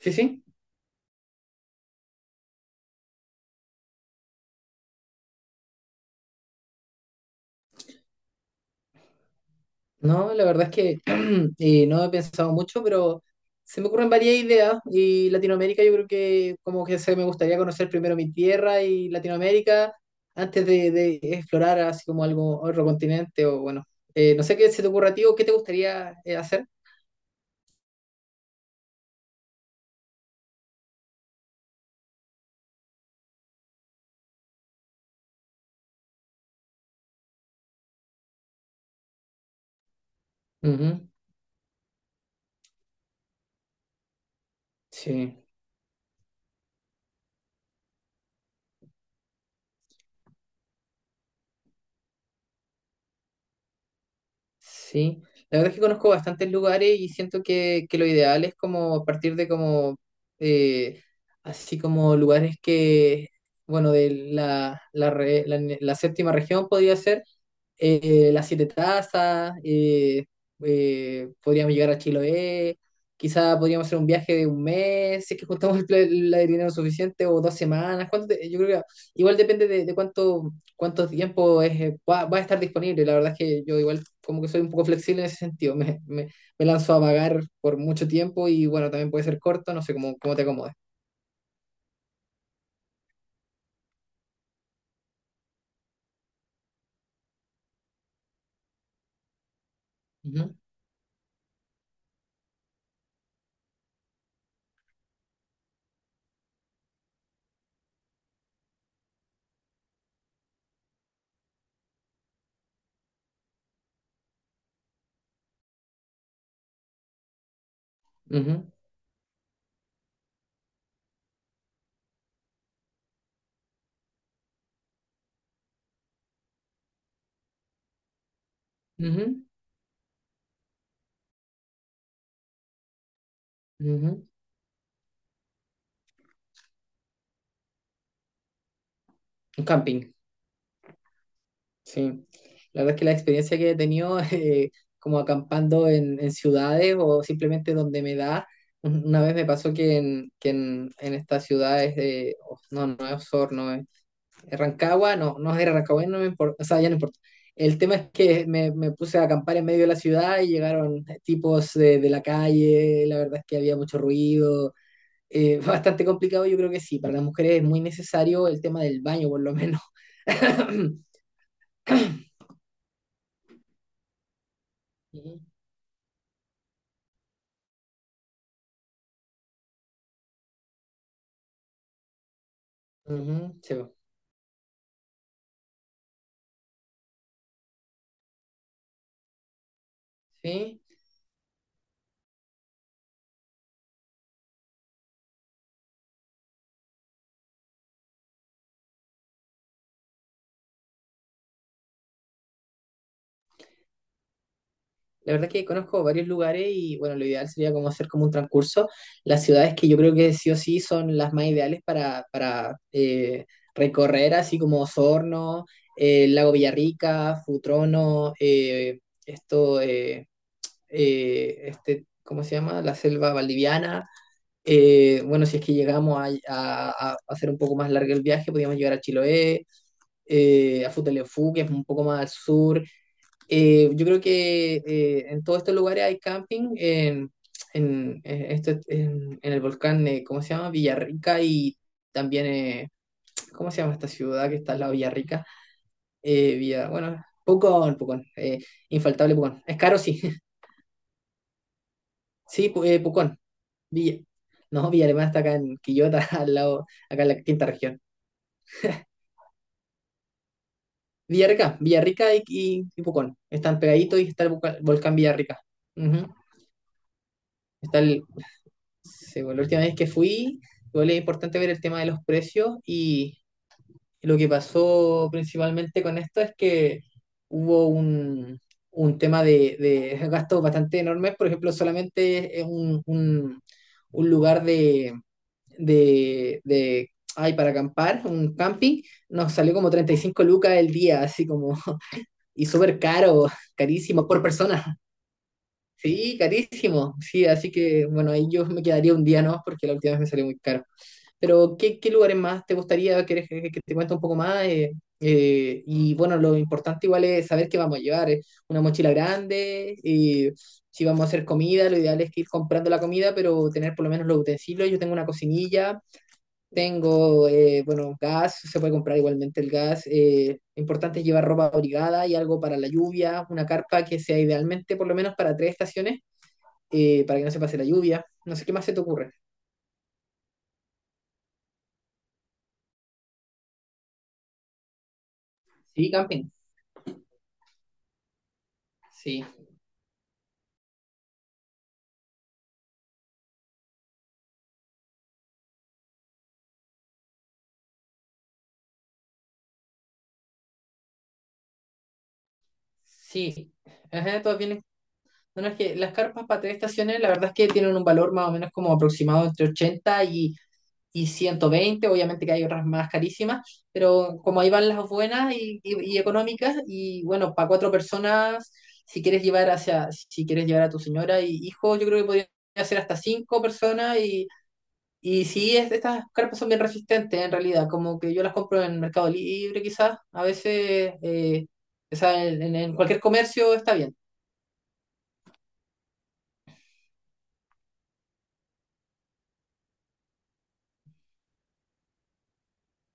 Sí, sí. No, la verdad es que no he pensado mucho, pero se me ocurren varias ideas y Latinoamérica yo creo que como que se me gustaría conocer primero mi tierra y Latinoamérica antes de explorar así como algo, otro continente o bueno, no sé qué se te ocurra a ti o qué te gustaría hacer. Ujú. Sí. Sí, la verdad es que conozco bastantes lugares y siento que lo ideal es como partir de como, eh, así como lugares que, bueno, de la séptima región podría ser, Las Siete Tazas, podríamos llegar a Chiloé, quizá podríamos hacer un viaje de un mes, si es que juntamos la de dinero suficiente, o 2 semanas, yo creo que igual depende de cuánto tiempo es, va a estar disponible, la verdad es que yo igual como que soy un poco flexible en ese sentido, me lanzo a vagar por mucho tiempo y bueno, también puede ser corto, no sé cómo te acomodes. Ujú, ujú, ujú, ujú. Un camping. Sí, la verdad es que la experiencia que he tenido como acampando en ciudades o simplemente donde me da, una vez me pasó en estas ciudades, oh, no, no es Osorno, es Rancagua, no, no era Rancagua, no me importa, o sea, ya no importa. El tema es que me puse a acampar en medio de la ciudad y llegaron tipos de la calle, la verdad es que había mucho ruido, bastante complicado, yo creo que sí, para las mujeres es muy necesario el tema del baño por lo menos. Ujú, ujú, sí. Sí, la verdad es que conozco varios lugares y bueno, lo ideal sería como hacer como un transcurso. Las ciudades que yo creo que sí o sí son las más ideales para recorrer, así como Osorno, Lago Villarrica, Futrono, esto, este, ¿cómo se llama? La selva valdiviana. Bueno, si es que llegamos a, a hacer un poco más largo el viaje, podríamos llegar a Chiloé, a Futaleufú, que es un poco más al sur. Yo creo que en todos estos lugares hay camping, en el volcán, ¿cómo se llama? Villarrica y también, ¿cómo se llama esta ciudad que está al lado de Villarrica? Bueno, Pucón, Pucón, infaltable Pucón. Es caro, sí, sí, Pucón. Villa, no, Villa Alemana está acá en Quillota, al lado, acá en la quinta región. Villarrica, y Pucón, están pegaditos y está el volcán Villarrica. Ujú. Está el, Sí, bueno, la última vez que fui, igual es importante ver el tema de los precios y lo que pasó principalmente con esto es que hubo un tema de gastos bastante enormes, por ejemplo, solamente es un lugar ay, para acampar, un camping, nos salió como 35 lucas el día, así como, y súper caro, carísimo, por persona. Sí, carísimo. Sí, así que bueno, ahí yo me quedaría un día, ¿no? Porque la última vez me salió muy caro. Pero, ¿qué lugares más te gustaría? ¿Quieres que te cuente un poco más? Y bueno, lo importante igual es saber qué vamos a llevar. Una mochila grande, si vamos a hacer comida, lo ideal es que ir comprando la comida, pero tener por lo menos los utensilios. Yo tengo una cocinilla, tengo, bueno, gas, se puede comprar igualmente el gas. Importante es llevar ropa abrigada y algo para la lluvia, una carpa que sea idealmente por lo menos para tres estaciones, para que no se pase la lluvia. No sé qué más se te ocurre. Sí, camping. Sí. Sí, ajá, todas vienen. No, no, es que las carpas para tres estaciones, la verdad es que tienen un valor más o menos como aproximado entre 80 y 120. Obviamente que hay otras más carísimas, pero como ahí van las buenas y, y económicas, y bueno, para cuatro personas, si quieres llevar hacia, si quieres llevar a tu señora y hijo, yo creo que podría ser hasta cinco personas. Y sí, estas carpas son bien resistentes en realidad, como que yo las compro en Mercado Libre, quizás, a veces, o sea, en cualquier comercio está bien.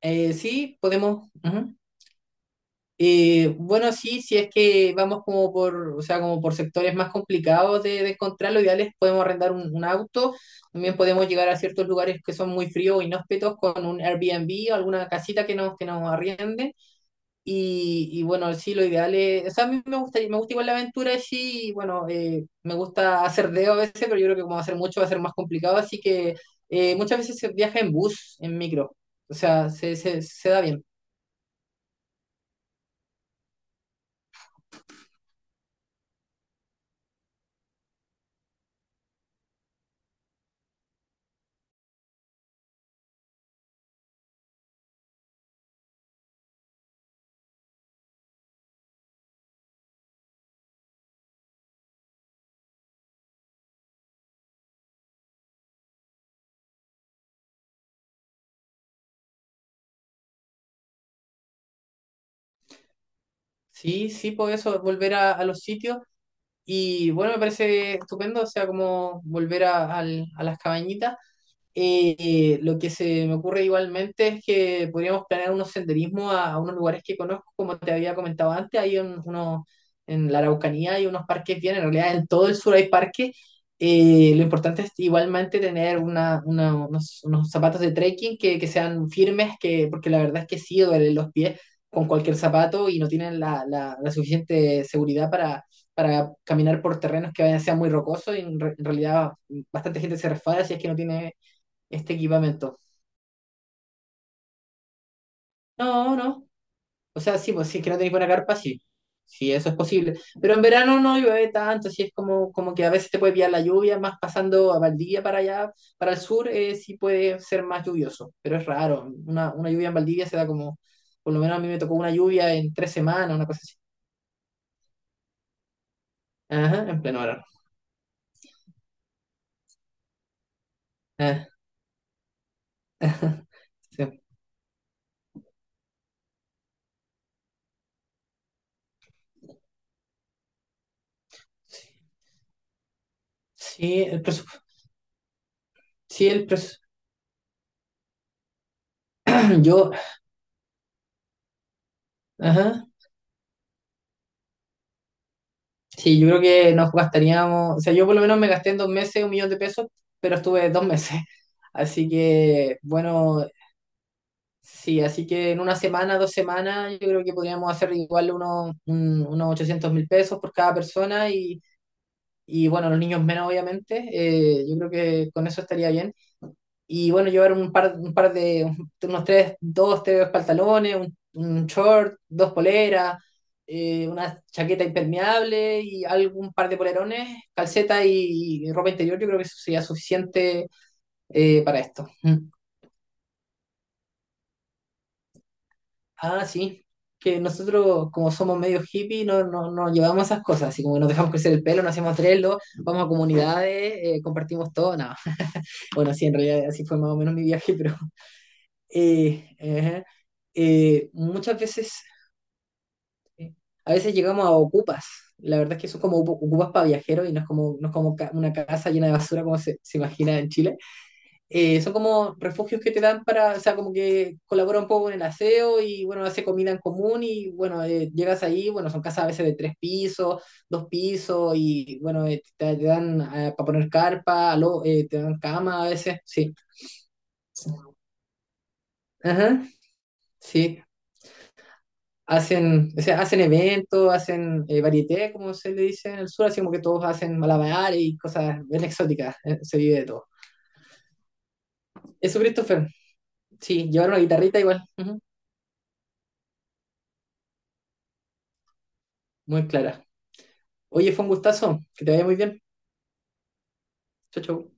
Sí, podemos. Ujú. Bueno, sí, si es que vamos como por, o sea, como por sectores más complicados de encontrar, lo ideal es podemos arrendar un auto, también podemos llegar a ciertos lugares que son muy fríos o inhóspitos con un Airbnb o alguna casita que que nos arriende. Y bueno, sí, lo ideal es, o sea, a mí me gusta igual la aventura, sí, y bueno, me gusta hacer dedo a veces, pero yo creo que como hacer mucho va a ser más complicado, así que muchas veces se viaja en bus, en micro, o sea, se da bien. Sí, sí, por eso, es volver a los sitios. Y bueno, me parece estupendo, o sea, como volver a las cabañitas. Lo que se me ocurre igualmente es que podríamos planear unos senderismos a unos lugares que conozco, como te había comentado antes, hay uno, en la Araucanía hay unos parques bien, en realidad en todo el sur hay parques. Lo importante es igualmente tener unos zapatos de trekking que sean firmes, porque la verdad es que sí duelen los pies con cualquier zapato y no tienen la suficiente seguridad para caminar por terrenos que vayan, sean muy rocosos y en realidad bastante gente se resfala si es que no tiene este equipamiento. No, no. O sea, sí, pues si es que no tenéis buena carpa, sí. Sí, eso es posible. Pero en verano no llueve tanto, así es como que a veces te puede pillar la lluvia, más pasando a Valdivia para allá, para el sur, sí puede ser más lluvioso, pero es raro. Una lluvia en Valdivia se da como, por lo menos a mí me tocó una lluvia en 3 semanas, una cosa así. Ajá, en pleno verano. Ah, sí. Sí, el presupuesto. Sí, el presupuesto. Yo, ajá. Sí, yo creo que nos gastaríamos, o sea, yo por lo menos me gasté en 2 meses 1 millón de pesos, pero estuve 2 meses. Así que, bueno, sí, así que en una semana, 2 semanas, yo creo que podríamos hacer igual unos 800.000 pesos por cada persona bueno, los niños menos, obviamente. Yo creo que con eso estaría bien. Y bueno, llevar un par de, unos tres, dos, tres pantalones, un short, dos poleras, una chaqueta impermeable y algún par de polerones, calceta y ropa interior, yo creo que eso sería suficiente para esto. Mm. Ah, sí, que nosotros como somos medio hippie no, no, no llevamos esas cosas, así como que nos dejamos crecer el pelo, nos hacemos trello, vamos a comunidades, compartimos todo, nada. Bueno, sí, en realidad así fue más o menos mi viaje, pero. Ajá. Eh, muchas veces, eh, a veces llegamos a ocupas. La verdad es que son como ocupas para viajeros y no es como una casa llena de basura como se imagina en Chile. Son como refugios que te dan para, o sea, como que colabora un poco con el aseo y bueno, hace comida en común y bueno, llegas ahí, bueno, son casas a veces de tres pisos, dos pisos y bueno, te dan para poner carpa, te dan cama a veces, sí. Ajá, sí. Hacen, o sea, hacen eventos, hacen varieté, como se le dice en el sur, así como que todos hacen malabares y cosas bien exóticas, se vive de todo. Eso, Christopher, sí, llevar una guitarrita igual, ujú, muy clara. Oye, fue un gustazo, que te vaya muy bien. Chau, chau.